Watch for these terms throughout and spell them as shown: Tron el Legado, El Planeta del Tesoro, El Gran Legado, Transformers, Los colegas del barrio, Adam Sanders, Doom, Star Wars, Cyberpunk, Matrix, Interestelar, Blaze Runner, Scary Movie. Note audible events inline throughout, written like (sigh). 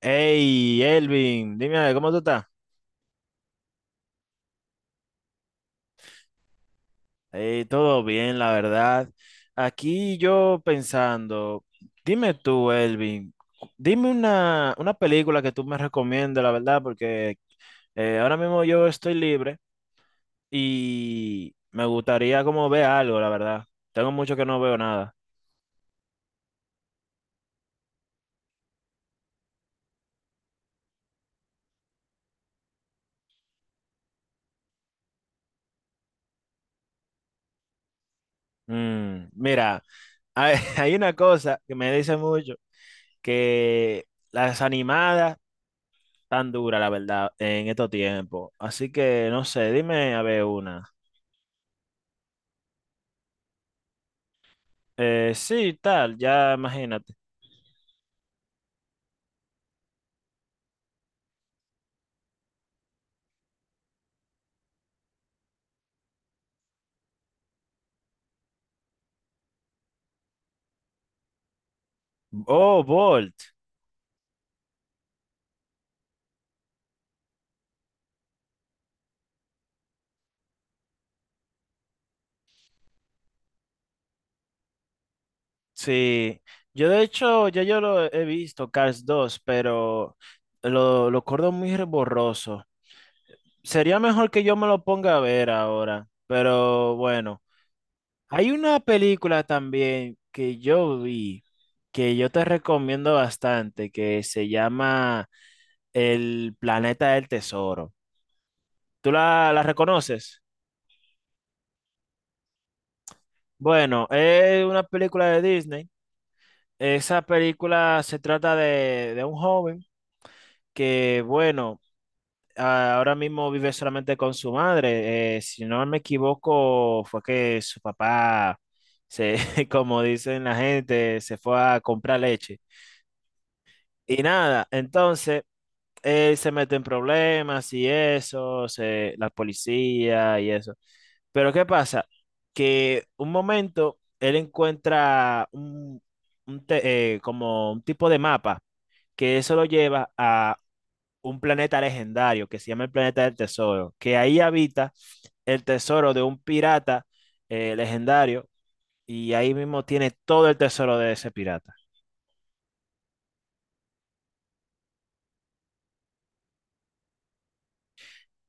Hey, Elvin, dime, ¿cómo tú estás? Todo bien, la verdad. Aquí yo pensando, dime tú, Elvin, dime una película que tú me recomiendes, la verdad, porque ahora mismo yo estoy libre y me gustaría como ver algo, la verdad. Tengo mucho que no veo nada. Mm, mira, (laughs) hay una cosa que me dice mucho, que las animadas tan dura, la verdad, en estos tiempos. Así que, no sé, dime a ver una. Sí, tal, ya imagínate. Oh, Bolt. Sí. Yo de hecho, ya yo lo he visto, Cars 2, pero lo acuerdo muy borroso. Sería mejor que yo me lo ponga a ver ahora, pero bueno. Hay una película también que yo vi, que yo te recomiendo bastante, que se llama El Planeta del Tesoro. ¿Tú la reconoces? Bueno, es una película de Disney. Esa película se trata de un joven que, bueno, ahora mismo vive solamente con su madre. Si no me equivoco, fue que su papá, se, (laughs) como dicen la gente, se fue a comprar leche. Y nada, entonces él se mete en problemas y eso, se, la policía y eso. Pero ¿qué pasa? Que un momento él encuentra un, como un tipo de mapa que eso lo lleva a un planeta legendario que se llama el planeta del tesoro, que ahí habita el tesoro de un pirata legendario y ahí mismo tiene todo el tesoro de ese pirata.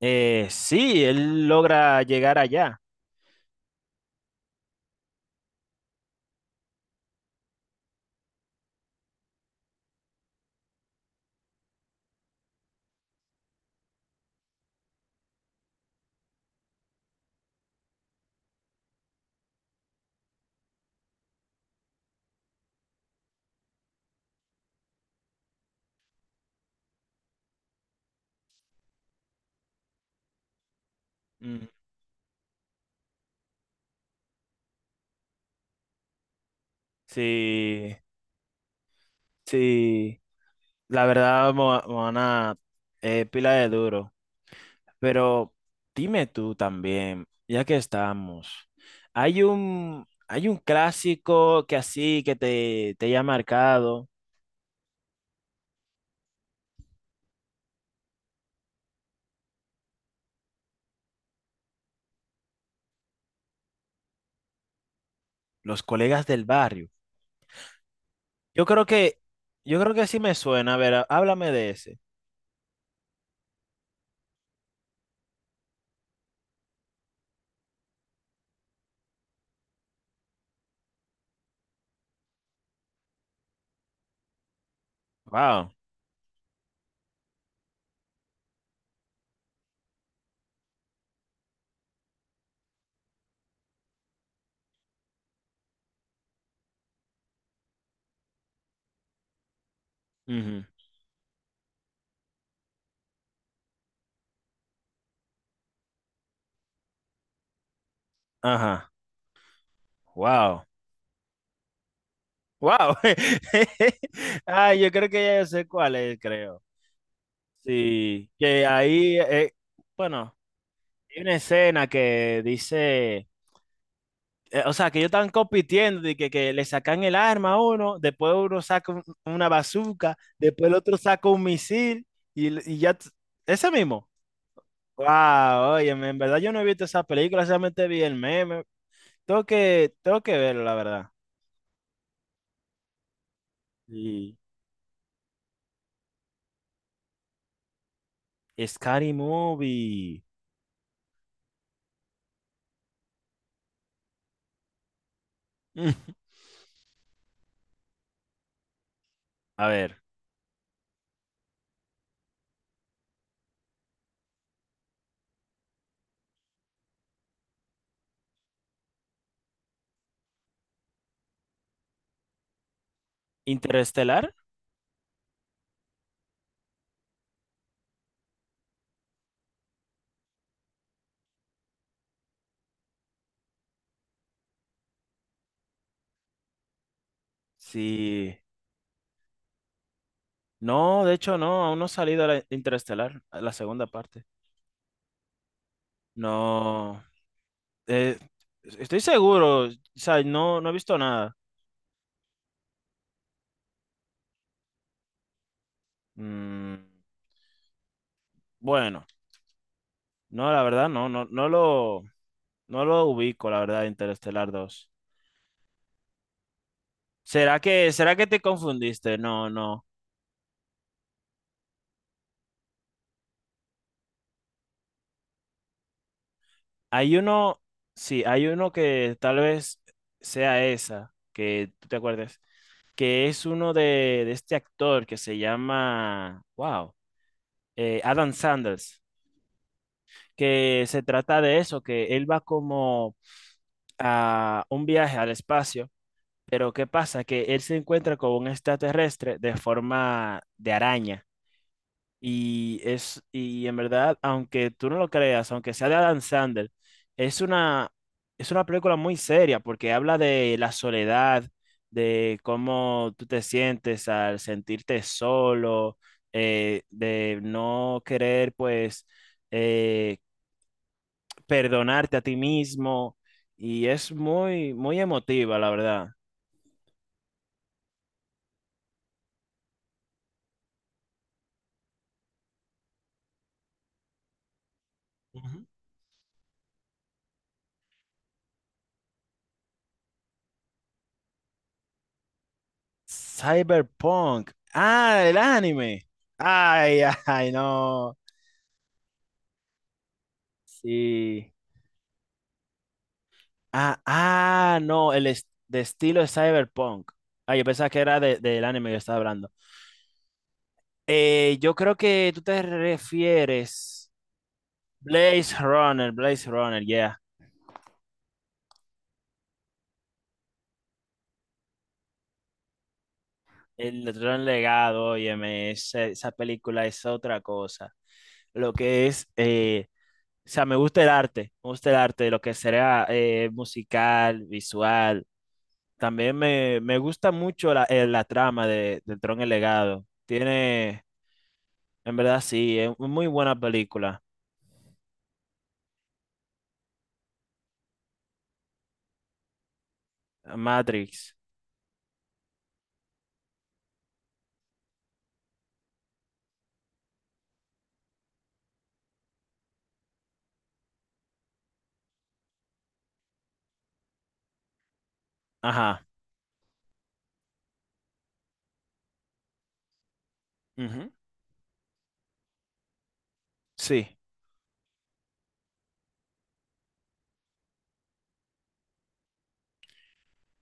Sí, él logra llegar allá. Mm. Sí. Sí, la verdad, Moana es pila de duro. Pero dime tú también, ya que estamos, hay un clásico que así que te haya marcado, Los colegas del barrio. Yo creo que, yo creo que sí me suena. A ver, háblame de ese. Wow. Ujú. Ajá. Wow. Wow. (laughs) Ah, yo creo que ya yo sé cuál es, creo. Sí, que ahí, bueno. Hay una escena que dice, o sea, que ellos están compitiendo, de que le sacan el arma a uno, después uno saca una bazooka, después el otro saca un misil y ese mismo. Wow, oye, en verdad yo no he visto esa película, solamente vi el meme. Tengo que verlo, la verdad. Y Scary Movie. (laughs) A ver, ¿Interestelar? Sí. No, de hecho no, aún no ha salido la Interestelar, la segunda parte. No. Eh, Estoy seguro, o sea, no, no he visto nada. Mm, bueno, no, la verdad, no lo ubico, la verdad, Interestelar dos. Será que te confundiste? No, no. Hay uno, sí, hay uno que tal vez sea esa, que tú te acuerdes, que es uno de este actor que se llama, wow, Adam Sanders, que se trata de eso, que él va como a un viaje al espacio. Pero ¿qué pasa? Que él se encuentra con un extraterrestre de forma de araña. Y es, y en verdad, aunque tú no lo creas, aunque sea de Adam Sandler, es una, es una película muy seria porque habla de la soledad, de cómo tú te sientes al sentirte solo, de no querer, pues, eh, perdonarte a ti mismo. Y es muy, muy emotiva, la verdad. Cyberpunk. Ah, el anime. Ay, (laughs) ay, no. Sí. Ah, ah, no, el de estilo es Cyberpunk. Ah, yo pensaba que era del anime que estaba hablando. Yo creo que tú te refieres. Blaze Runner, Blaze Runner, yeah. El Gran Legado, óyeme, esa película es otra cosa. Lo que es, o sea, me gusta el arte, me gusta el arte, lo que será musical, visual. También me gusta mucho la, la trama de Tron el Legado. Tiene, en verdad sí, es muy buena película. Matrix. Ajá. Ujú. Sí.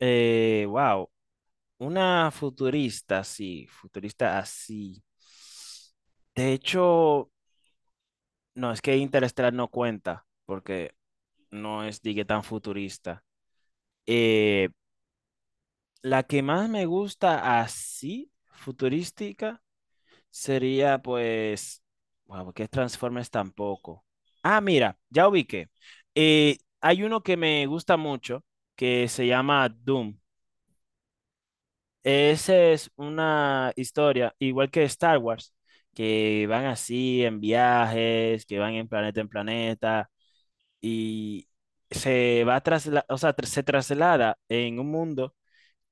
Wow. Una futurista, sí. Futurista así. De hecho, no, es que Interestelar no cuenta, porque no es, digue, tan futurista. Eh, la que más me gusta así, futurística, sería pues, wow, ¿qué Transformers tampoco? Ah, mira, ya ubiqué. Hay uno que me gusta mucho que se llama Doom. Esa es una historia, igual que Star Wars, que van así en viajes, que van en planeta y se va tras, o sea, se traslada en un mundo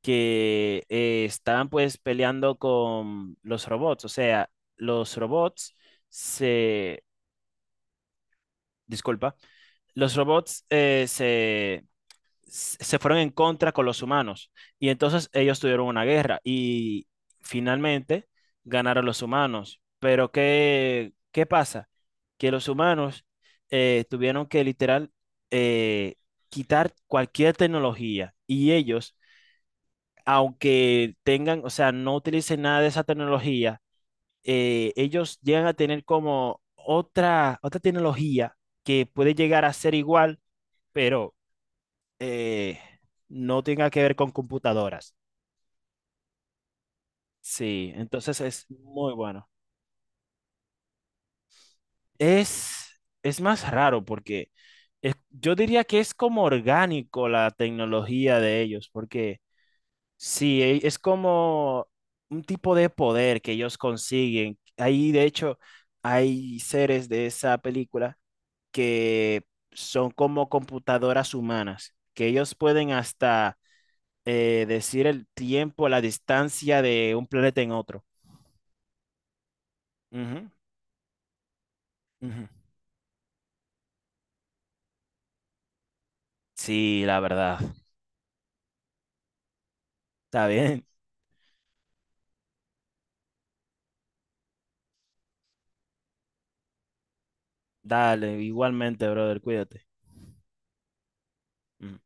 que estaban pues peleando con los robots, o sea, los robots se, disculpa, los robots se, se fueron en contra con los humanos y entonces ellos tuvieron una guerra y finalmente ganaron los humanos. Pero ¿qué, qué pasa? Que los humanos tuvieron que literal eh, quitar cualquier tecnología y ellos aunque tengan, o sea, no utilicen nada de esa tecnología, ellos llegan a tener como otra, otra tecnología que puede llegar a ser igual, pero eh, no tenga que ver con computadoras. Sí, entonces es muy bueno. Es, es más raro porque yo diría que es como orgánico la tecnología de ellos, porque sí, es como un tipo de poder que ellos consiguen. Ahí, de hecho, hay seres de esa película que son como computadoras humanas, que ellos pueden hasta decir el tiempo, la distancia de un planeta en otro. Ujú, ujú. Sí, la verdad. Está bien. Dale, igualmente, brother, cuídate. Ujú.